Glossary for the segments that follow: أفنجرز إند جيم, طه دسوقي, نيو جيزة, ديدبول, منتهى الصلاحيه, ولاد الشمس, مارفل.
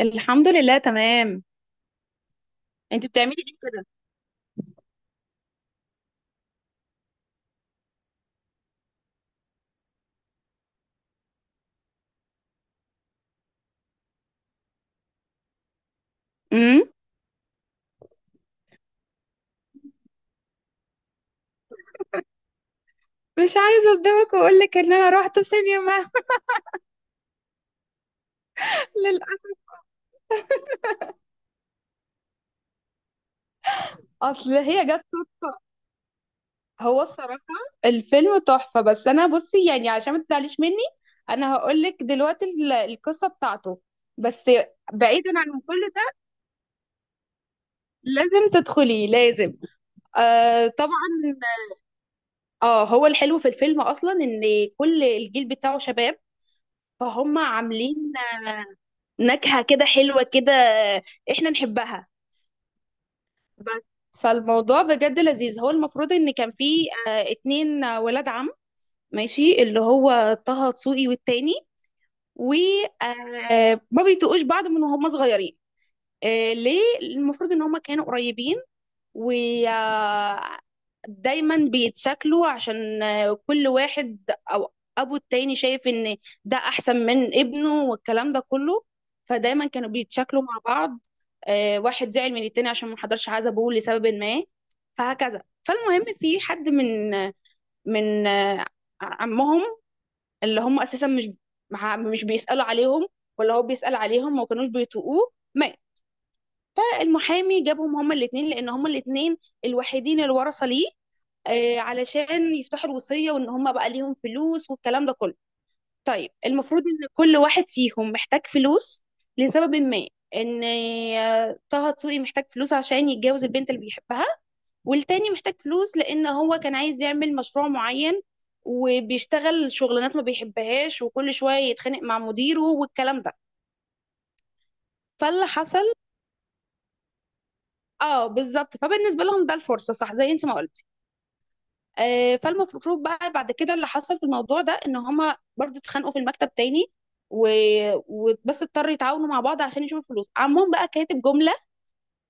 الحمد لله تمام. انت بتعملي ليه كده؟ امم. مش عايزه اصدمك واقول لك ان انا رحت سينما. للاسف. اصل هي جت صدفة. هو الصراحه الفيلم تحفه، بس انا بصي يعني عشان ما تزعليش مني، انا هقول لك دلوقتي القصه بتاعته، بس. بعيدا عن كل ده، لازم تدخلي، لازم. آه طبعا. اه، هو الحلو في الفيلم اصلا ان كل الجيل بتاعه شباب، فهم عاملين نكهة كده حلوة كده احنا نحبها، بس. فالموضوع بجد لذيذ. هو المفروض ان كان في اتنين ولاد عم، ماشي، اللي هو طه دسوقي والتاني، وما بيتقوش بعض من وهم صغيرين. ليه؟ المفروض ان هم كانوا قريبين، و آه، دايما بيتشكلوا عشان كل واحد، او ابو التاني شايف ان ده احسن من ابنه والكلام ده كله. فدايما كانوا بيتشكلوا مع بعض. واحد زعل من التاني عشان ما حضرش عزبه لسبب ما، فهكذا. فالمهم، في حد من من آه، عمهم، اللي هم اساسا مش مش بيسالوا عليهم، ولا هو بيسال عليهم، ما كانوش بيطوقوه، مات. فالمحامي جابهم هما الاثنين، لان هما الاثنين الوحيدين الورثه ليه، علشان يفتحوا الوصية، وان هم بقى ليهم فلوس والكلام ده كله. طيب المفروض ان كل واحد فيهم محتاج فلوس لسبب ما. ان طه دسوقي محتاج فلوس عشان يتجوز البنت اللي بيحبها، والتاني محتاج فلوس لان هو كان عايز يعمل مشروع معين، وبيشتغل شغلانات ما بيحبهاش، وكل شوية يتخانق مع مديره والكلام ده. فاللي حصل، اه بالظبط، فبالنسبة لهم ده الفرصة، صح زي انت ما قلت. فالمفروض بقى بعد كده، اللي حصل في الموضوع ده، ان هما برضو اتخانقوا في المكتب تاني، و... وبس اضطروا يتعاونوا مع بعض عشان يشوفوا الفلوس. عمهم بقى كاتب جملة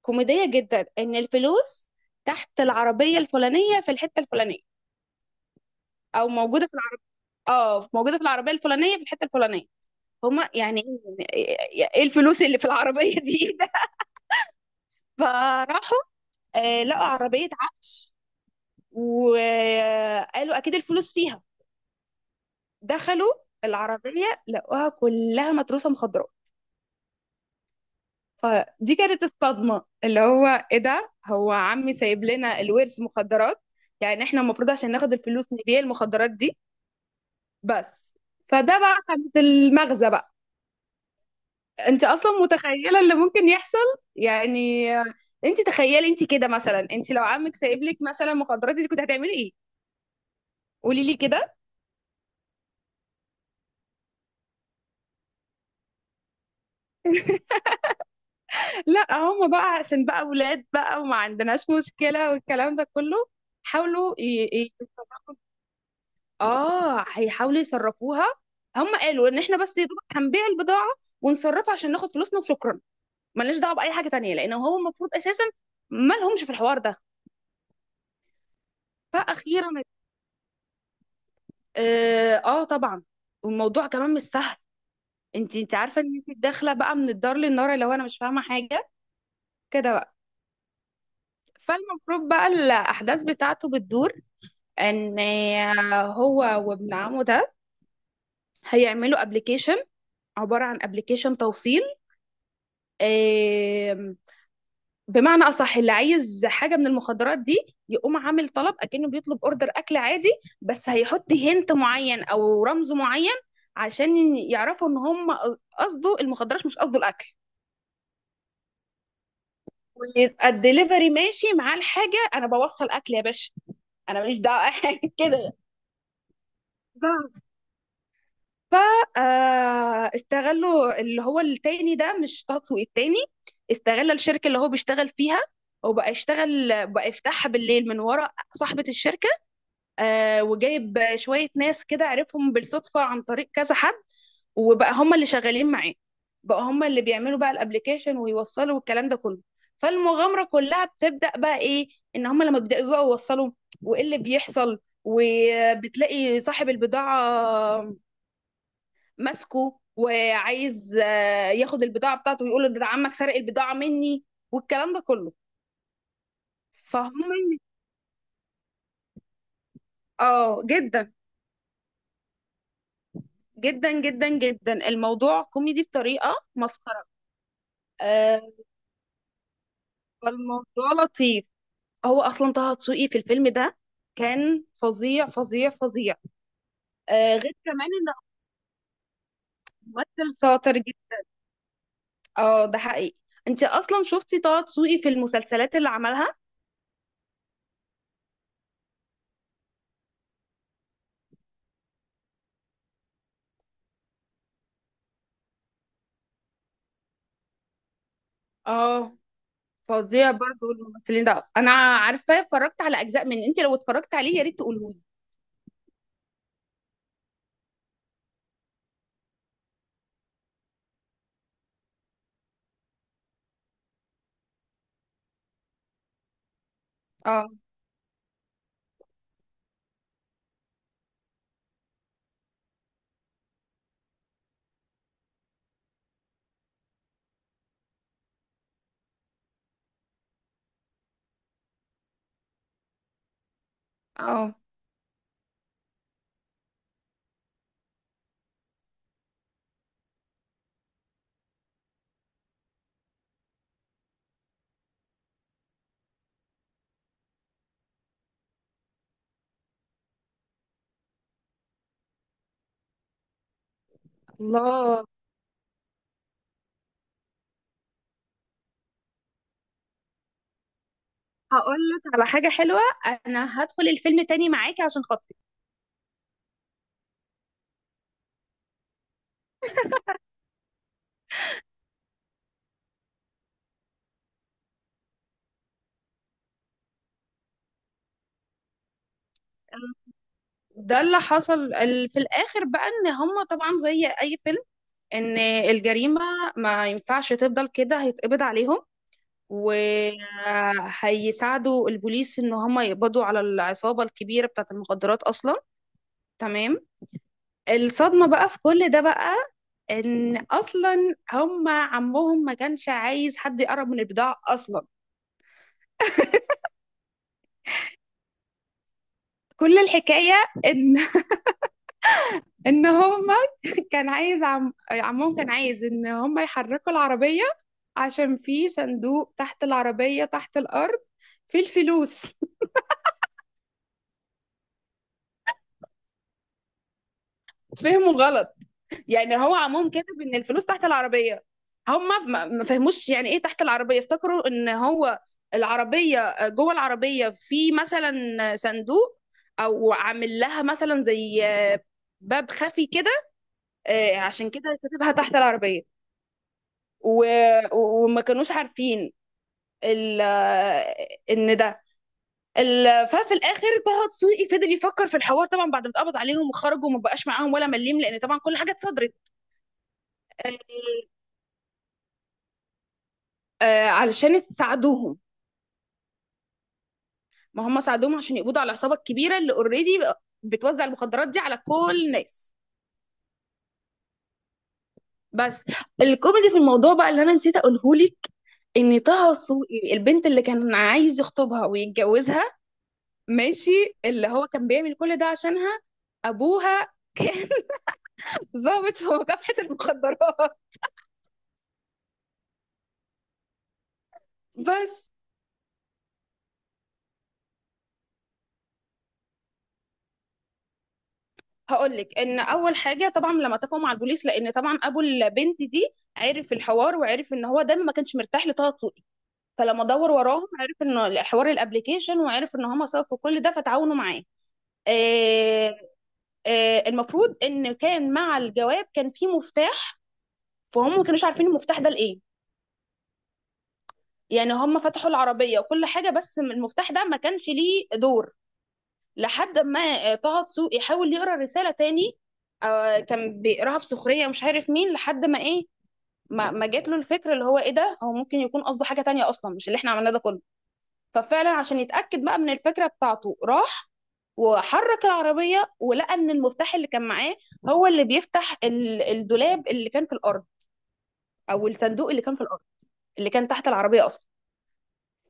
كوميدية جدا، ان الفلوس تحت العربية الفلانية في الحتة الفلانية، او موجودة في العر... اه موجودة في العربية الفلانية في الحتة الفلانية. هما يعني ايه إيه الفلوس اللي في العربية دي؟ فراحوا، لقوا عربية عفش، وقالوا اكيد الفلوس فيها. دخلوا العربية لقوها كلها متروسة مخدرات. فدي كانت الصدمة، اللي هو ايه ده؟ هو عمي سايب لنا الورث مخدرات؟ يعني احنا المفروض عشان ناخد الفلوس نبيع المخدرات دي، بس. فده بقى كانت المغزى بقى. انت اصلا متخيلة اللي ممكن يحصل؟ يعني انت تخيلي انت كده، مثلا انت لو عمك سايب لك مثلا مخدرات، انت كنت هتعملي ايه؟ قولي لي كده. لا، هم بقى عشان بقى ولاد بقى، وما عندناش مشكلة والكلام ده كله، حاولوا. اه، هيحاولوا يصرفوها. هم قالوا ان احنا بس يا دوبك هنبيع البضاعه، ونصرفها عشان ناخد فلوسنا وشكرا. ملناش دعوه باي حاجه تانية، لان هو المفروض اساسا ما لهمش في الحوار ده. فاخيرا، اه, آه طبعا. والموضوع كمان مش سهل. انت عارفه ان انت داخله بقى من الدار للنار، لو انا مش فاهمه حاجه، كده بقى. فالمفروض بقى الاحداث بتاعته بتدور، ان هو وابن عمه ده هيعملوا ابلكيشن، عباره عن ابلكيشن توصيل. بمعنى اصح، اللي عايز حاجه من المخدرات دي، يقوم عامل طلب اكنه بيطلب اوردر اكل عادي، بس هيحط هنت معين او رمز معين عشان يعرفوا ان هم قصده المخدرات مش قصده الاكل. ويبقى الدليفري ماشي معاه الحاجه، انا بوصل اكل يا باشا، انا ماليش دعوه، كده. ف استغلوا، اللي هو التاني ده مش طه دسوقي، التاني استغل الشركه اللي هو بيشتغل فيها، وبقى يشتغل بقى، يفتحها بالليل من ورا صاحبه الشركه. وجايب شوية ناس كده عرفهم بالصدفة عن طريق كذا حد، وبقى هم اللي شغالين معاه، بقى هم اللي بيعملوا بقى الابليكيشن ويوصلوا والكلام ده كله. فالمغامرة كلها بتبدأ بقى ايه؟ ان هم لما بيبدأوا بقى يوصلوا، وايه اللي بيحصل، وبتلاقي صاحب البضاعة ماسكه وعايز ياخد البضاعة بتاعته، ويقول له ده عمك سرق البضاعة مني والكلام ده كله. فهم اه، جدا جدا جدا جدا الموضوع كوميدي بطريقة مسخرة. آه، فالموضوع لطيف. هو اصلا طه دسوقي في الفيلم ده كان فظيع فظيع فظيع. غير كمان انه ممثل شاطر جدا. اه، ده حقيقي. انت اصلا شفتي طه دسوقي في المسلسلات اللي عملها؟ اه، فظيع برضو الممثلين ده. انا عارفه اتفرجت على اجزاء من انت، لو اتفرجت عليه يا ريت تقولهولي. اه. اه. الله. هقول لك على حاجه حلوه، انا هدخل الفيلم تاني معاكي عشان خاطري. ده اللي حصل في الاخر بقى، ان هم طبعا زي اي فيلم، ان الجريمة ما ينفعش تفضل كده، هيتقبض عليهم. وهيساعدوا البوليس ان هم يقبضوا على العصابة الكبيرة بتاعة المخدرات اصلا، تمام. الصدمة بقى في كل ده بقى، ان اصلا هم عمهم ما كانش عايز حد يقرب من البضاعة اصلا. كل الحكاية ان ان هم، كان عايز عم عمهم كان عايز ان هم يحركوا العربية، عشان في صندوق تحت العربية، تحت الأرض، في الفلوس. فهموا غلط. يعني هو عمهم كاتب ان الفلوس تحت العربيه، هم ما فهموش يعني ايه تحت العربيه. افتكروا ان هو العربيه، جوه العربيه في مثلا صندوق، او عامل لها مثلا زي باب خفي كده، عشان كده كاتبها تحت العربيه. و... وما كانوش عارفين ال... ان ده ففي الاخر طه دسوقي فضل يفكر في الحوار، طبعا بعد ما اتقبض عليهم وخرجوا وما بقاش معاهم ولا مليم، لان طبعا كل حاجه اتصدرت. آه، علشان تساعدوهم. ما هم ساعدوهم عشان يقبضوا على العصابه الكبيره اللي اوريدي بتوزع المخدرات دي على كل الناس، بس. الكوميدي في الموضوع بقى اللي انا نسيت اقوله لك، ان طه السوقي، البنت اللي كان عايز يخطبها ويتجوزها، ماشي، اللي هو كان بيعمل كل ده عشانها، ابوها كان ضابط في مكافحه المخدرات، بس. هقول لك ان اول حاجه طبعا لما اتفقوا مع البوليس، لان طبعا ابو البنت دي عرف الحوار، وعرف ان هو دايما ما كانش مرتاح لطه. فلما دور وراهم، عرف ان حوار الابليكيشن، وعرف ان هم سبب في كل ده، فتعاونوا معاه. آه، المفروض ان كان مع الجواب كان في مفتاح، فهم ما كانوش عارفين المفتاح ده لايه. يعني هم فتحوا العربيه وكل حاجه، بس المفتاح ده ما كانش ليه دور. لحد ما طه دسوقي حاول يقرا رساله تاني. كان بيقراها بسخريه مش عارف مين، لحد ما ايه، ما جات له الفكره، اللي هو ايه ده، هو ممكن يكون قصده حاجه تانية اصلا، مش اللي احنا عملناه ده كله. ففعلا عشان يتأكد بقى من الفكرة بتاعته، راح وحرك العربية، ولقى إن المفتاح اللي كان معاه، هو اللي بيفتح الدولاب اللي كان في الأرض، أو الصندوق اللي كان في الأرض، اللي كان تحت العربية أصلا.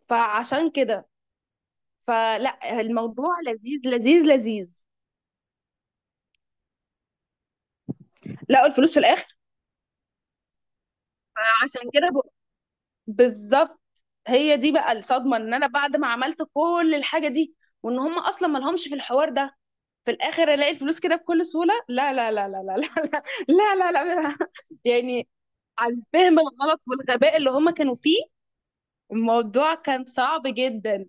فعشان كده، فلا، الموضوع لذيذ لذيذ لذيذ. لقوا الفلوس في الآخر. فعشان كده بالظبط. هي دي بقى الصدمة، إن أنا بعد ما عملت كل الحاجة دي، وإن هم أصلا مالهمش في الحوار ده، في الاخر الاقي الفلوس كده بكل سهوله؟ لا، لا، لا، لا، لا، لا. لا، لا، لا, لا. يعني، عن الفهم الغلط والغباء اللي هما كانوا فيه، الموضوع كان صعب جدا.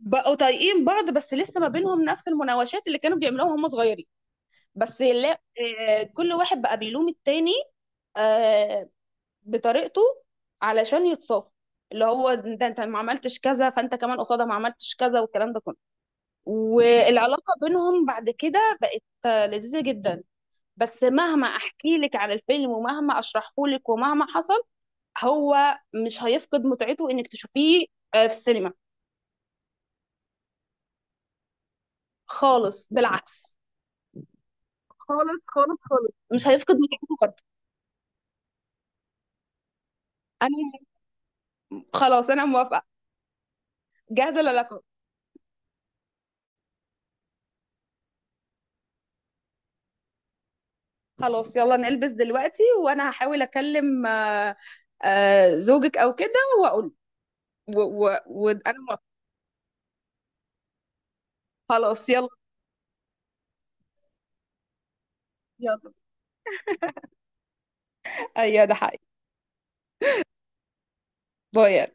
بقوا طايقين بعض، بس لسه ما بينهم نفس المناوشات اللي كانوا بيعملوها وهم صغيرين. بس لا، كل واحد بقى بيلوم التاني آه، بطريقته علشان يتصاف، اللي هو ده انت ما عملتش كذا، فانت كمان قصادها ما عملتش كذا والكلام ده كله. والعلاقه بينهم بعد كده بقت لذيذه جدا. بس مهما احكي لك عن الفيلم، ومهما اشرحه لك، ومهما حصل، هو مش هيفقد متعته انك تشوفيه في السينما. خالص، بالعكس، خالص خالص خالص مش هيفقد متعته برضه. انا، خلاص انا موافقه، جاهزه للقاء. خلاص يلا نلبس دلوقتي، وانا هحاول اكلم زوجك او كده، واقول. وانا موافقه. خلاص يلا، يلا. ايوه ده حقيقي. باي.